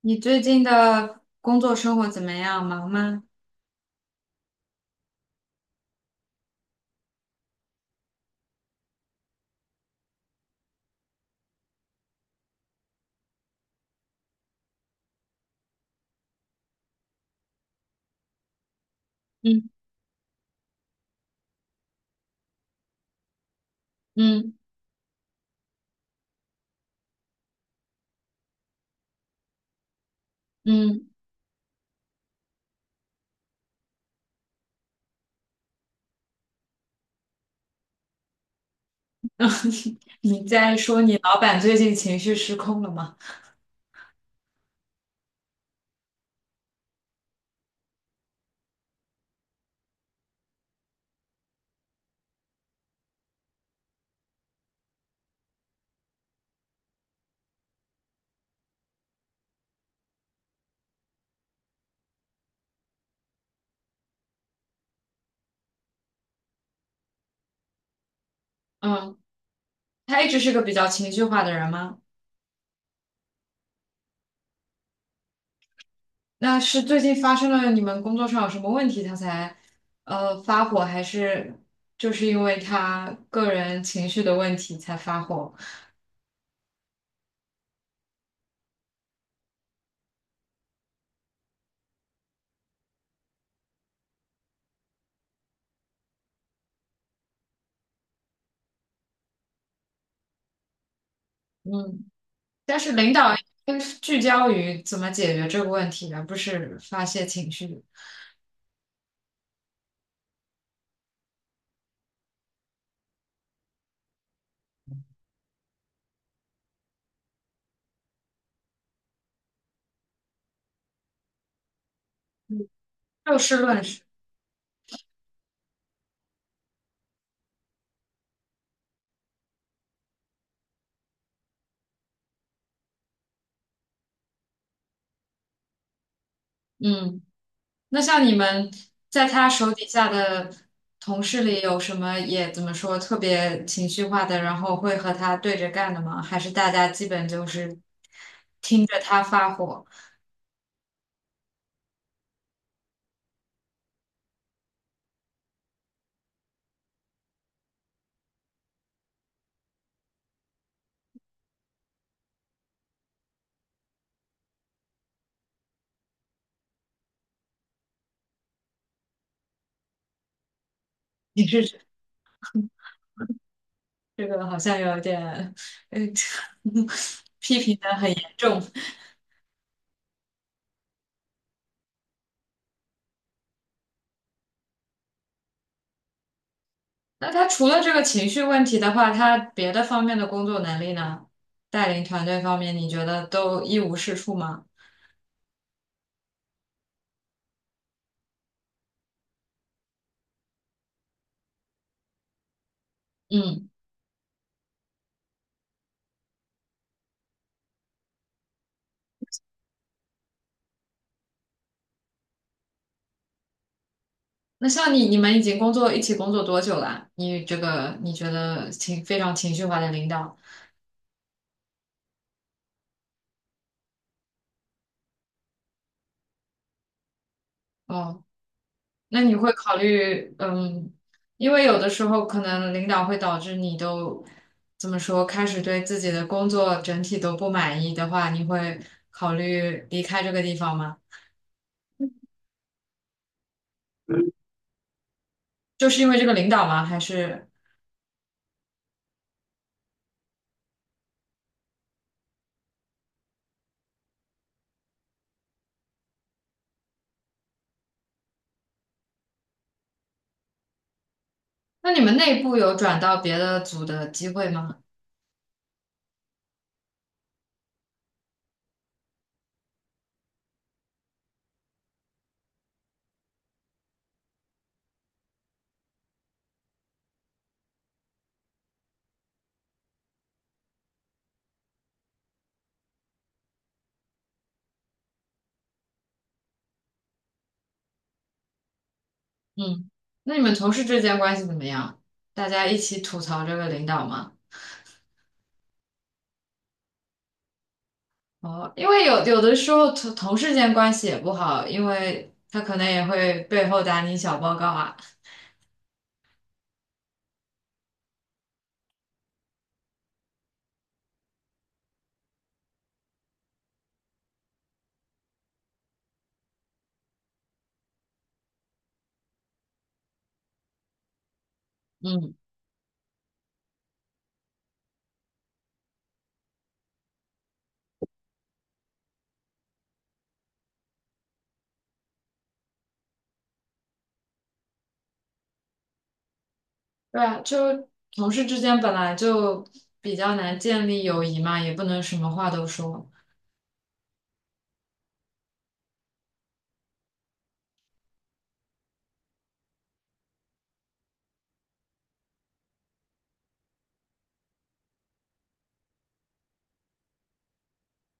你最近的工作生活怎么样？忙吗？嗯嗯嗯，你在说你老板最近情绪失控了吗？嗯，他一直是个比较情绪化的人吗？那是最近发生了你们工作上有什么问题，他才发火，还是就是因为他个人情绪的问题才发火？嗯，但是领导应该是聚焦于怎么解决这个问题，而不是发泄情绪，就事论事。嗯。那像你们在他手底下的同事里，有什么也怎么说特别情绪化的，然后会和他对着干的吗？还是大家基本就是听着他发火？你是这个好像有点，嗯，批评的很严重。那他除了这个情绪问题的话，他别的方面的工作能力呢？带领团队方面，你觉得都一无是处吗？嗯。那像你，你们已经工作一起工作多久啦？你这个你觉得情非常情绪化的领导，哦，那你会考虑，嗯，因为有的时候可能领导会导致你都怎么说，开始对自己的工作整体都不满意的话，你会考虑离开这个地方吗？就是因为这个领导吗？还是那你们内部有转到别的组的机会吗？嗯，那你们同事之间关系怎么样？大家一起吐槽这个领导吗？哦，因为有的时候同事间关系也不好，因为他可能也会背后打你小报告啊。嗯，对啊，就同事之间本来就比较难建立友谊嘛，也不能什么话都说。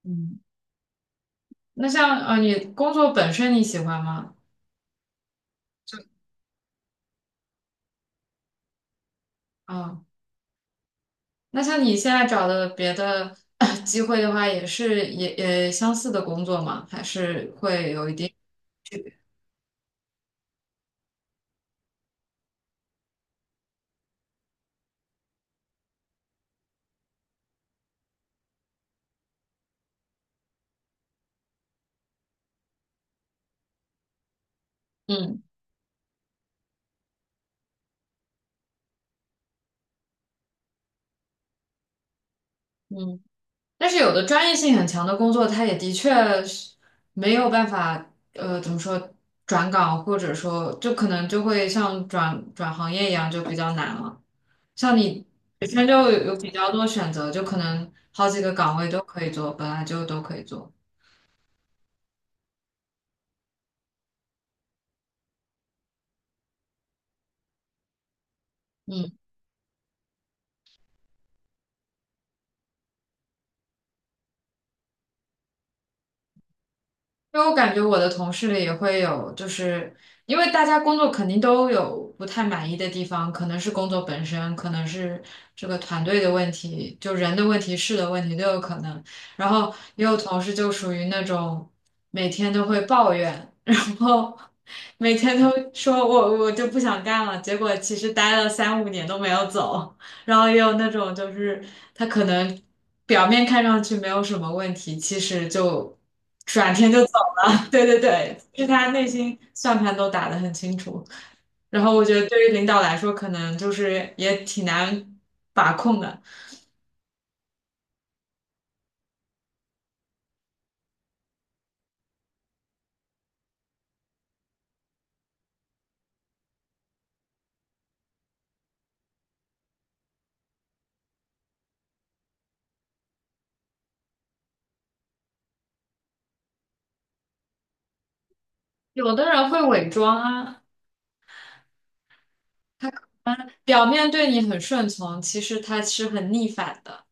嗯，那像你工作本身你喜欢吗？就啊、那像你现在找的别的 机会的话，也是也也相似的工作吗？还是会有一点嗯嗯。但是有的专业性很强的工作，它也的确是没有办法，怎么说转岗，或者说就可能就会像转行业一样，就比较难了。像你本身就有比较多选择，就可能好几个岗位都可以做，本来就都可以做。嗯。因为我感觉我的同事里也会有，就是因为大家工作肯定都有不太满意的地方，可能是工作本身，可能是这个团队的问题，就人的问题、事的问题都有可能。然后也有同事就属于那种每天都会抱怨，然后每天都说我就不想干了，结果其实待了三五年都没有走。然后也有那种就是他可能表面看上去没有什么问题，其实就转天就走了。对对对，就是他内心算盘都打得很清楚。然后我觉得对于领导来说，可能就是也挺难把控的。有的人会伪装啊，嗯表面对你很顺从，其实他是很逆反的。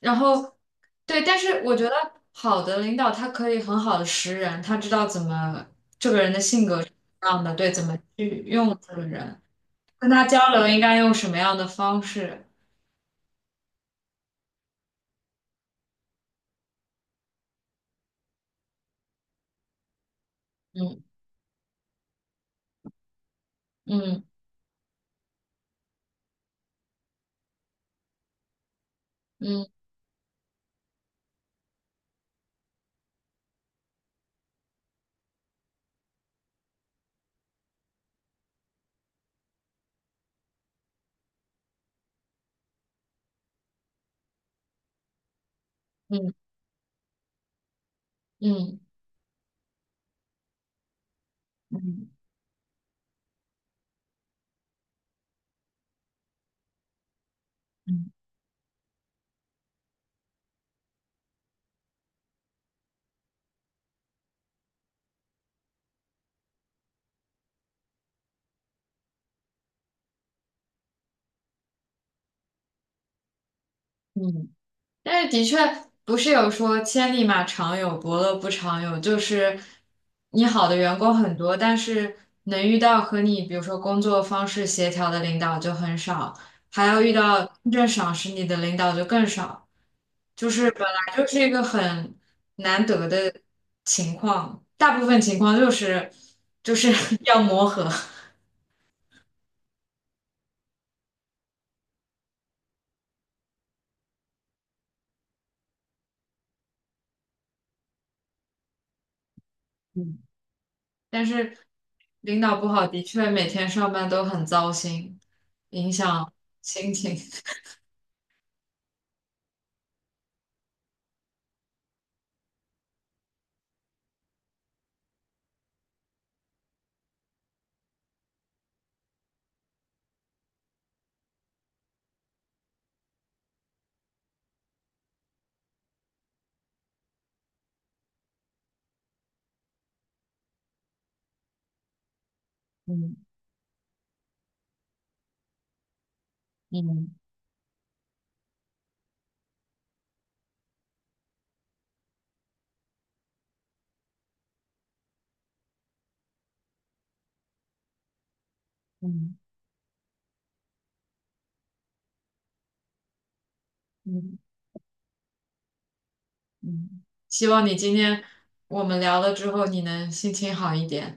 然后，对，但是我觉得好的领导他可以很好的识人，他知道怎么。样的，对，怎么去用这个人，跟他交流应该用什么样的方式？嗯嗯嗯嗯嗯嗯嗯嗯。嗯。但是的确不是有说千里马常有，伯乐不常有，就是你好的员工很多，但是能遇到和你比如说工作方式协调的领导就很少，还要遇到真正赏识你的领导就更少，就是本来就是一个很难得的情况，大部分情况就是就是 要磨合，嗯，但是领导不好，的确每天上班都很糟心，影响心情。嗯嗯嗯嗯嗯，希望你今天我们聊了之后，你能心情好一点。